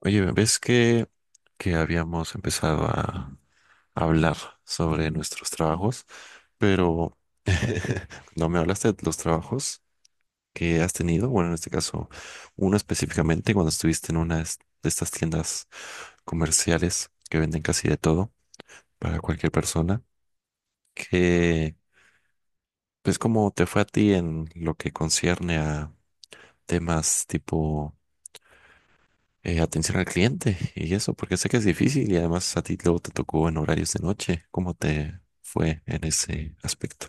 Oye, ¿ves que habíamos empezado a hablar sobre nuestros trabajos? Pero no me hablaste de los trabajos que has tenido. Bueno, en este caso, uno específicamente cuando estuviste en una de de estas tiendas comerciales que venden casi de todo para cualquier persona. Que, pues, ¿cómo te fue a ti en lo que concierne a temas tipo, atención al cliente y eso, porque sé que es difícil y además a ti luego te tocó en horarios de noche. ¿Cómo te fue en ese aspecto?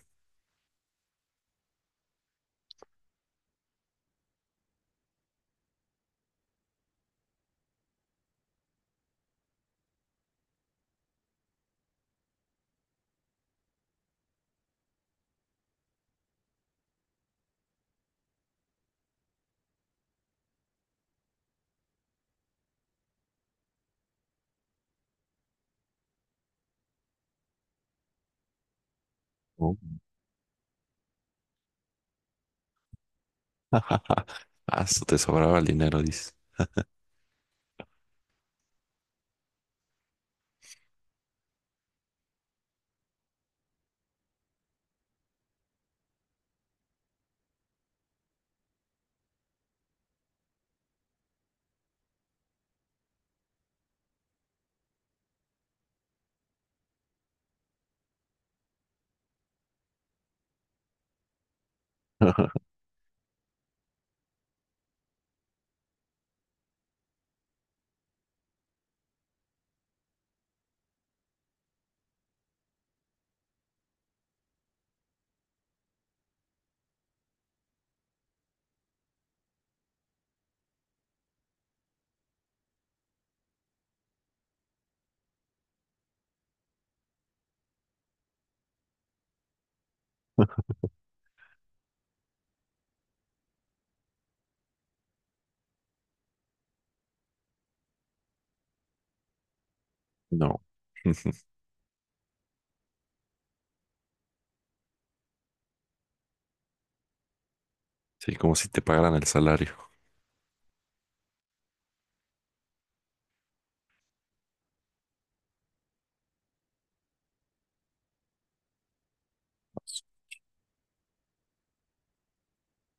Oh. Ah, eso te sobraba el dinero, dices. No. Sí, como si te pagaran el salario.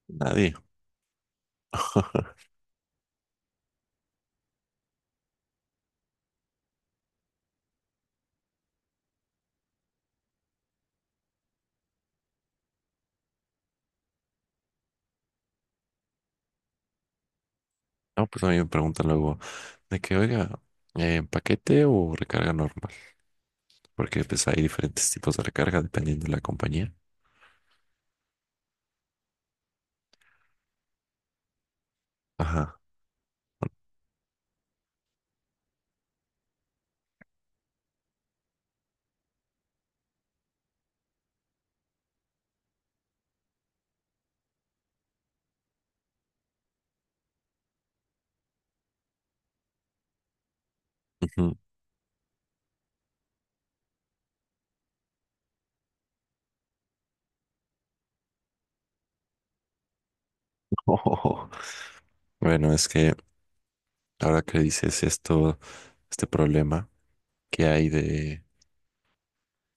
Nadie. No, pues a mí me preguntan luego de que, oiga, ¿paquete o recarga normal? Porque pues hay diferentes tipos de recarga dependiendo de la compañía. Ajá. Ujú. Bueno, es que, ahora que dices esto, este problema que hay de.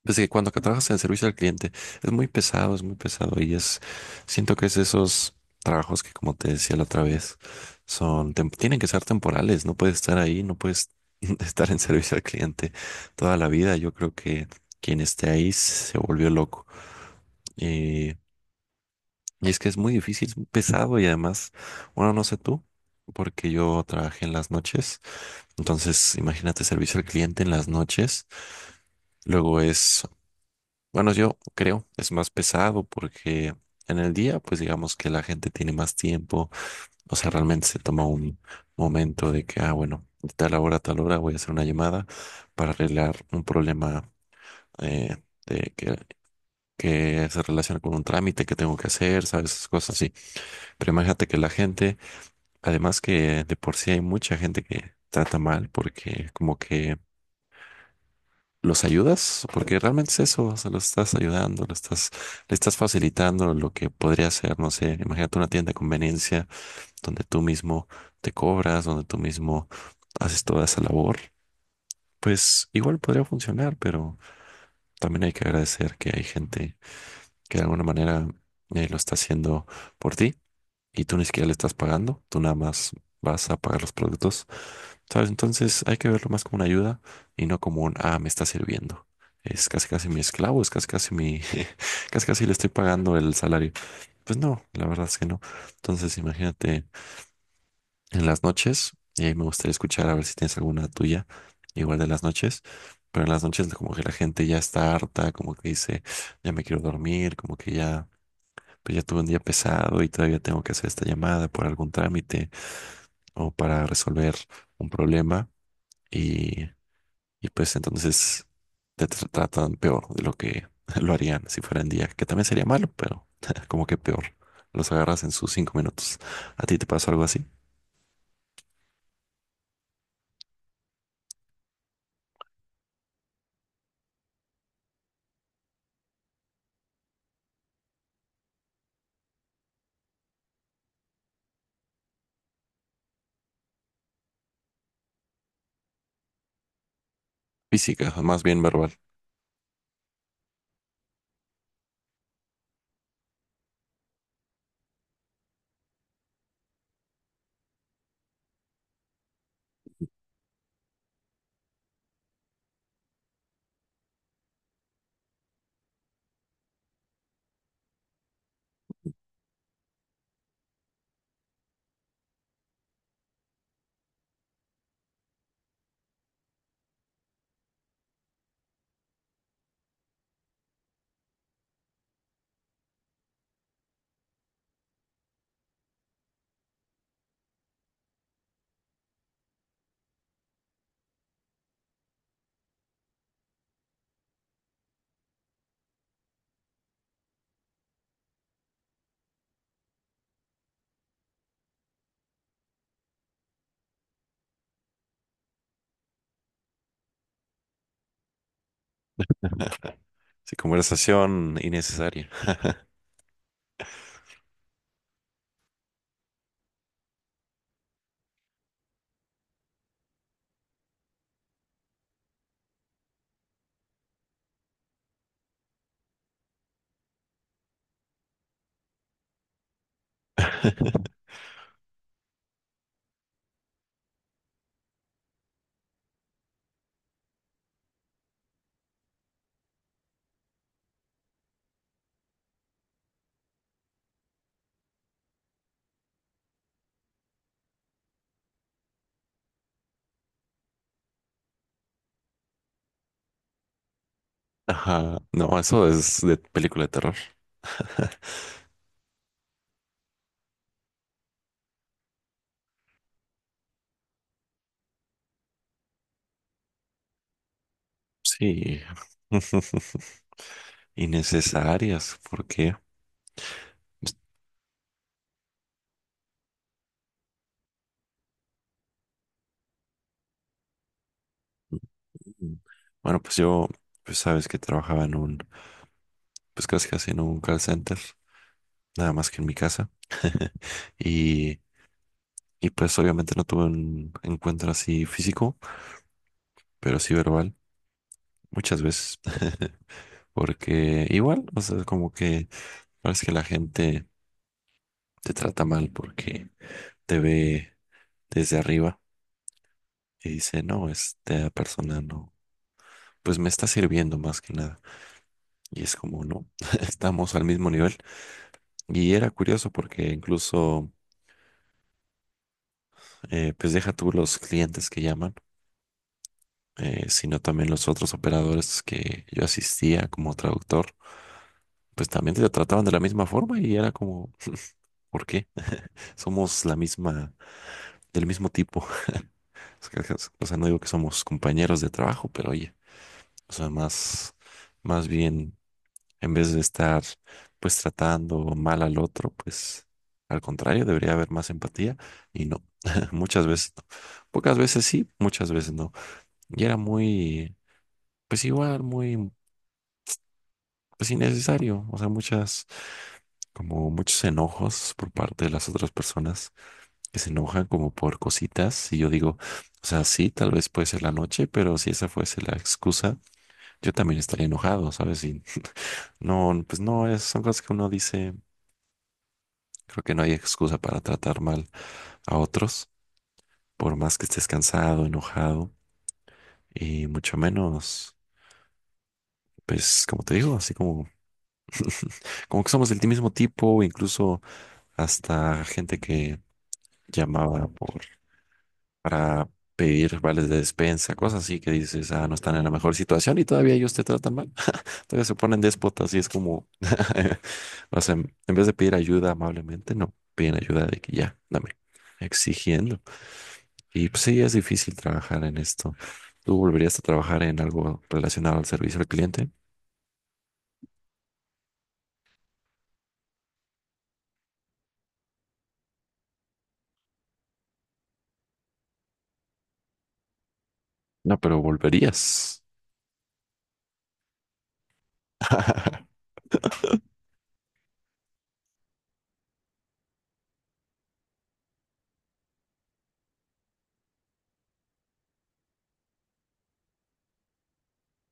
Pues que cuando que trabajas en servicio al cliente es muy pesado y es. Siento que es esos trabajos que, como te decía la otra vez, son. Tienen que ser temporales, no puedes estar ahí, no puedes estar en servicio al cliente toda la vida. Yo creo que quien esté ahí se volvió loco. Y, y es que es muy difícil, es muy pesado y además, bueno, no sé tú, porque yo trabajé en las noches. Entonces, imagínate servicio al cliente en las noches. Luego es, bueno, yo creo es más pesado porque en el día, pues digamos que la gente tiene más tiempo. O sea, realmente se toma un momento de que, ah, bueno, de tal hora a tal hora voy a hacer una llamada para arreglar un problema, eh, de que, se relaciona con un trámite que tengo que hacer, ¿sabes? Esas cosas así. Pero imagínate que la gente, además que de por sí hay mucha gente que trata mal porque como que los ayudas, porque realmente es eso, o sea, lo estás ayudando, lo estás, le estás facilitando lo que podría ser, no sé, imagínate una tienda de conveniencia donde tú mismo te cobras, donde tú mismo haces toda esa labor, pues igual podría funcionar, pero también hay que agradecer que hay gente que de alguna manera, lo está haciendo por ti y tú ni siquiera le estás pagando, tú nada más vas a pagar los productos. ¿Sabes? Entonces hay que verlo más como una ayuda y no como un, ah, me está sirviendo. Es casi casi mi esclavo, es casi casi mi, casi casi le estoy pagando el salario. Pues no, la verdad es que no. Entonces imagínate en las noches, y ahí me gustaría escuchar a ver si tienes alguna tuya, igual de las noches, pero en las noches como que la gente ya está harta, como que dice, ya me quiero dormir, como que ya, pues ya tuve un día pesado y todavía tengo que hacer esta llamada por algún trámite o para resolver un problema. Y Y pues entonces te tratan peor de lo que lo harían si fueran día, que también sería malo, pero como que peor. Los agarras en sus 5 minutos. ¿A ti te pasó algo así? Física, más bien verbal. Sí, conversación innecesaria. Ajá. No, eso es de película de terror. Sí. Innecesarias. ¿Por qué? Mm. Bueno, pues yo, pues sabes que trabajaba en un, pues casi casi en un call center, nada más que en mi casa. Y Y pues obviamente no tuve un encuentro así físico, pero sí verbal, muchas veces. Porque igual, o sea, como que parece que la gente te trata mal porque te ve desde arriba y dice, no, esta persona no, pues me está sirviendo más que nada. Y es como, no, estamos al mismo nivel. Y era curioso porque incluso, pues deja tú los clientes que llaman, sino también los otros operadores que yo asistía como traductor pues también te trataban de la misma forma y era como, ¿por qué? Somos la misma, del mismo tipo. Es que, o sea, no digo que somos compañeros de trabajo, pero oye, o sea, más bien, en vez de estar pues tratando mal al otro, pues al contrario, debería haber más empatía y no, muchas veces no. Pocas veces sí, muchas veces no. Y era muy, pues igual, muy, pues innecesario, o sea, muchas, como muchos enojos por parte de las otras personas que se enojan como por cositas. Y yo digo, o sea, sí, tal vez puede ser la noche, pero si esa fuese la excusa, yo también estaría enojado, ¿sabes? Y no, pues no, son cosas que uno dice, creo que no hay excusa para tratar mal a otros, por más que estés cansado, enojado, y mucho menos, pues como te digo, así como que somos del mismo tipo, incluso hasta gente que llamaba por, para pedir vales de despensa, cosas así que dices, ah, no están en la mejor situación y todavía ellos te tratan mal. Entonces se ponen déspotas y es como, o sea, en vez de pedir ayuda amablemente, no, piden ayuda de que ya, dame, exigiendo. Y pues sí, es difícil trabajar en esto. ¿Tú volverías a trabajar en algo relacionado al servicio al cliente? No, pero volverías.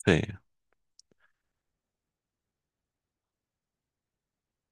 Sí.